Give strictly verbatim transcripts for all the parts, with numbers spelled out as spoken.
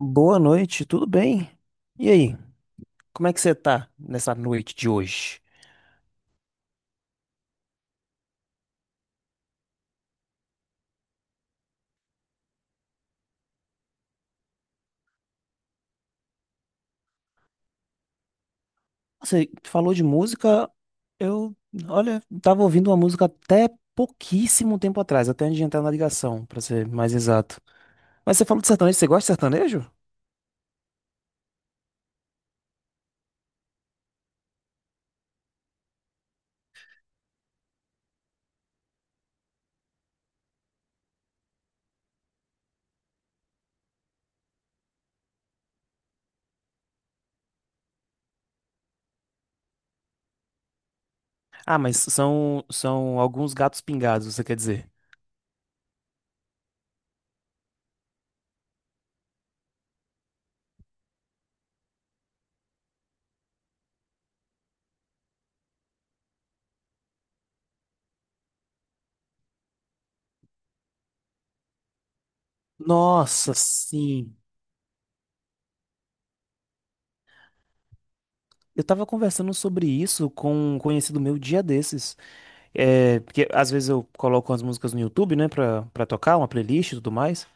Boa noite, tudo bem? E aí, como é que você tá nessa noite de hoje? Você falou de música, eu, olha, tava ouvindo uma música até pouquíssimo tempo atrás, até antes de entrar na ligação, pra ser mais exato. Mas você falou de sertanejo, você gosta de sertanejo? Ah, mas são, são alguns gatos pingados, você quer dizer? Nossa, sim. Eu tava conversando sobre isso com um conhecido meu dia desses. É, porque às vezes eu coloco as músicas no YouTube, né, pra, pra tocar, uma playlist e tudo mais.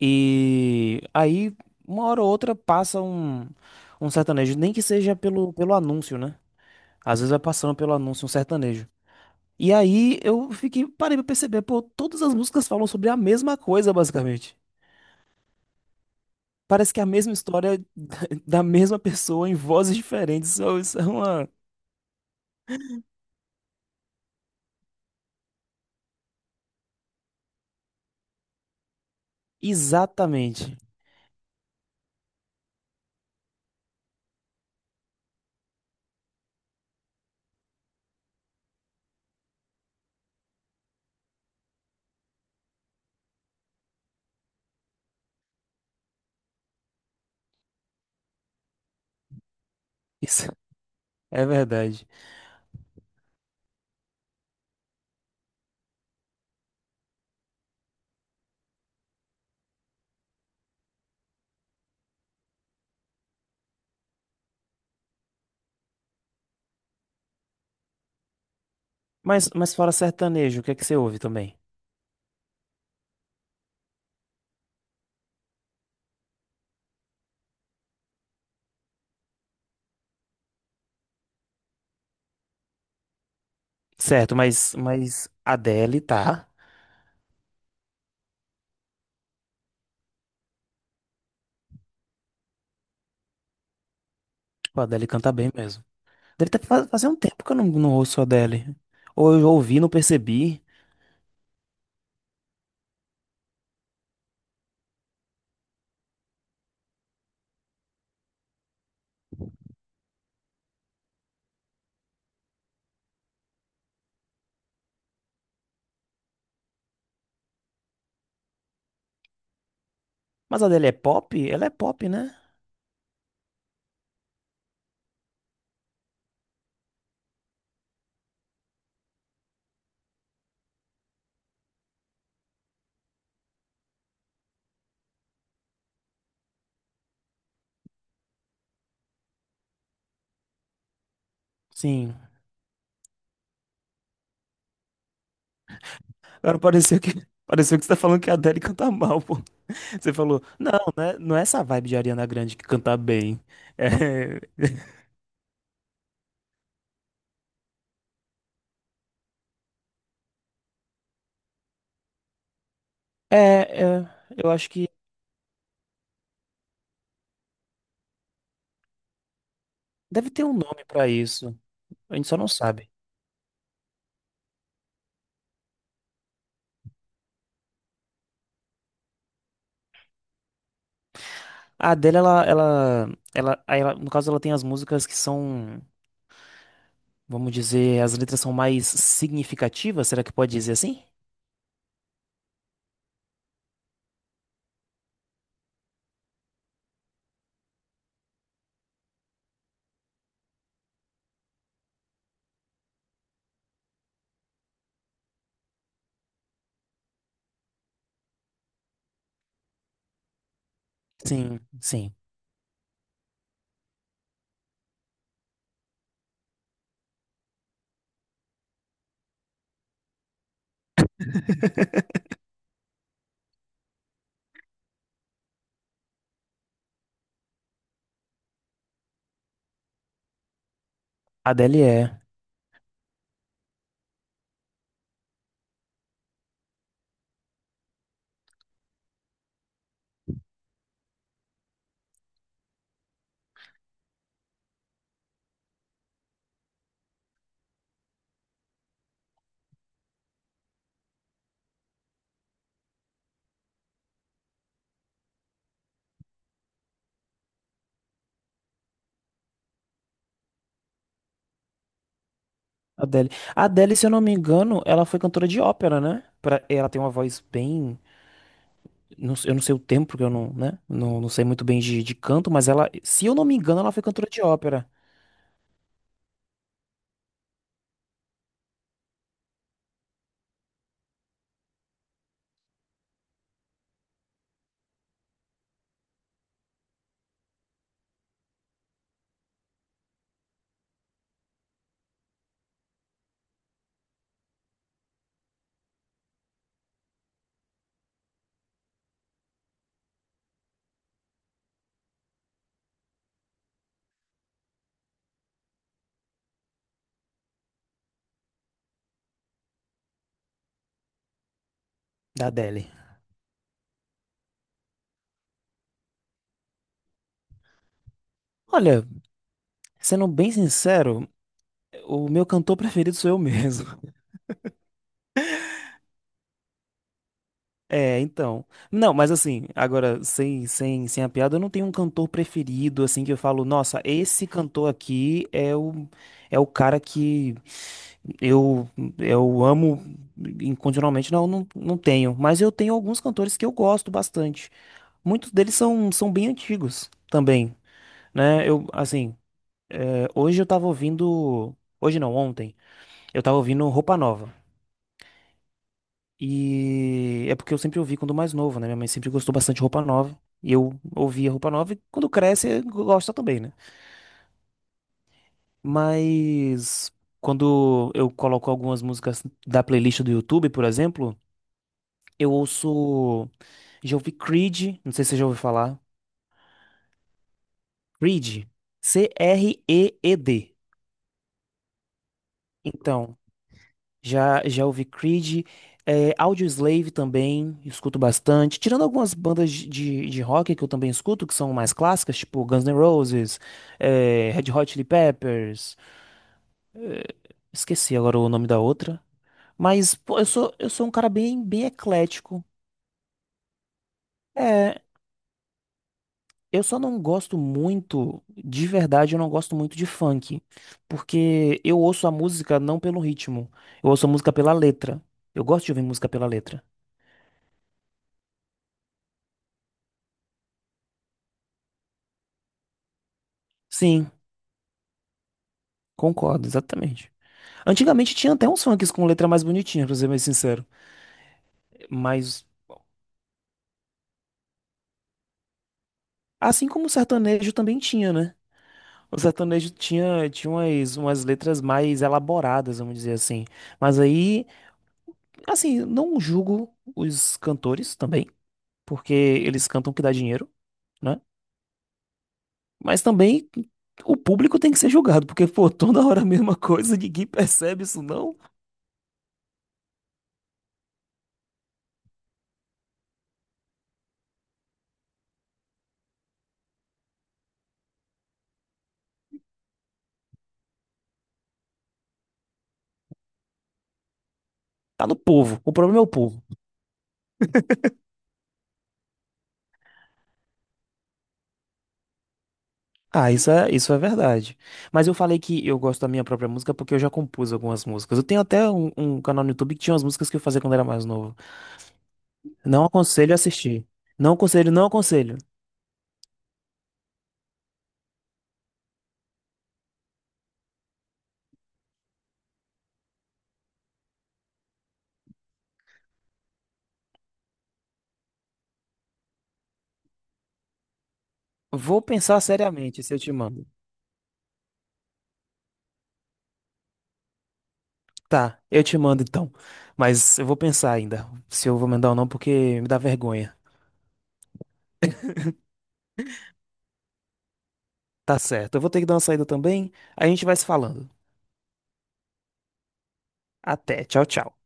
E aí, uma hora ou outra, passa um, um sertanejo, nem que seja pelo, pelo anúncio, né? Às vezes vai passando pelo anúncio um sertanejo. E aí eu fiquei, parei pra perceber, pô, todas as músicas falam sobre a mesma coisa, basicamente. Parece que é a mesma história da mesma pessoa em vozes diferentes. Isso é, isso é uma. Exatamente. Isso é verdade. Mas, mas fora sertanejo, o que é que você ouve também? Certo, mas, mas Adele tá. Tipo, a Adele canta bem mesmo. Adele tá faz, fazia um tempo que eu não, não ouço a Adele. Ou eu ouvi, não percebi. Mas a Adele é pop? Ela é pop, né? Sim. Agora pareceu que, pareceu que você tá falando que a Adele canta mal, pô. Você falou, não, né? Não é essa vibe de Ariana Grande que canta bem. É, é, é, eu acho que. Deve ter um nome pra isso. A gente só não sabe. A Adele, ela, ela, ela, aí ela- no caso, ela tem as músicas que são, vamos dizer, as letras são mais significativas, será que pode dizer assim? Sim, sim. A Adele é. Adele. A Adele, se eu não me engano, ela foi cantora de ópera, né? Pra- Ela tem uma voz bem. Não sei- eu não sei o tempo, porque eu não, né? Não, não sei muito bem de, de canto, mas ela, se eu não me engano, ela foi cantora de ópera da Adele. Olha, sendo bem sincero, o meu cantor preferido sou eu mesmo. É, então. Não, mas assim, agora, sem, sem, sem a piada, eu não tenho um cantor preferido, assim, que eu falo, nossa, esse cantor aqui é o, é o cara que. Eu, eu amo incondicionalmente, não, não, não tenho. Mas eu tenho alguns cantores que eu gosto bastante. Muitos deles são, são bem antigos também, né? Eu, assim, é, hoje eu tava ouvindo. Hoje não, ontem. Eu tava ouvindo Roupa Nova. E é porque eu sempre ouvi quando mais novo, né? Minha mãe sempre gostou bastante de Roupa Nova. E eu ouvia Roupa Nova e quando cresce, gosta também, né? Mas quando eu coloco algumas músicas da playlist do YouTube, por exemplo. Eu ouço. Já ouvi Creed, não sei se você já ouviu falar. Creed. C R E E D. Então, já, já ouvi Creed. É, Audioslave também, escuto bastante. Tirando algumas bandas de, de, de rock que eu também escuto, que são mais clássicas, tipo Guns N' Roses, é, Red Hot Chili Peppers. Esqueci agora o nome da outra. Mas, pô, eu sou, eu sou um cara bem, bem eclético. É, eu só não gosto muito, de verdade, eu não gosto muito de funk, porque eu ouço a música não pelo ritmo, eu ouço a música pela letra. Eu gosto de ouvir música pela letra. Sim, concordo, exatamente. Antigamente tinha até uns funks com letra mais bonitinha, pra ser mais sincero. Mas, assim como o sertanejo também tinha, né? O sertanejo tinha, tinha umas, umas letras mais elaboradas, vamos dizer assim. Mas aí, assim, não julgo os cantores também, porque eles cantam o que dá dinheiro, né? Mas também o público tem que ser julgado, porque, pô, toda hora a mesma coisa, ninguém percebe isso, não. Tá no povo. O problema é o povo. Ah, isso é, isso é verdade. Mas eu falei que eu gosto da minha própria música porque eu já compus algumas músicas. Eu tenho até um, um canal no YouTube que tinha umas músicas que eu fazia quando era mais novo. Não aconselho a assistir. Não aconselho, não aconselho. Vou pensar seriamente se eu te mando. Tá, eu te mando então. Mas eu vou pensar ainda se eu vou mandar ou não, porque me dá vergonha. Tá certo. Eu vou ter que dar uma saída também. A gente vai se falando. Até. Tchau, tchau.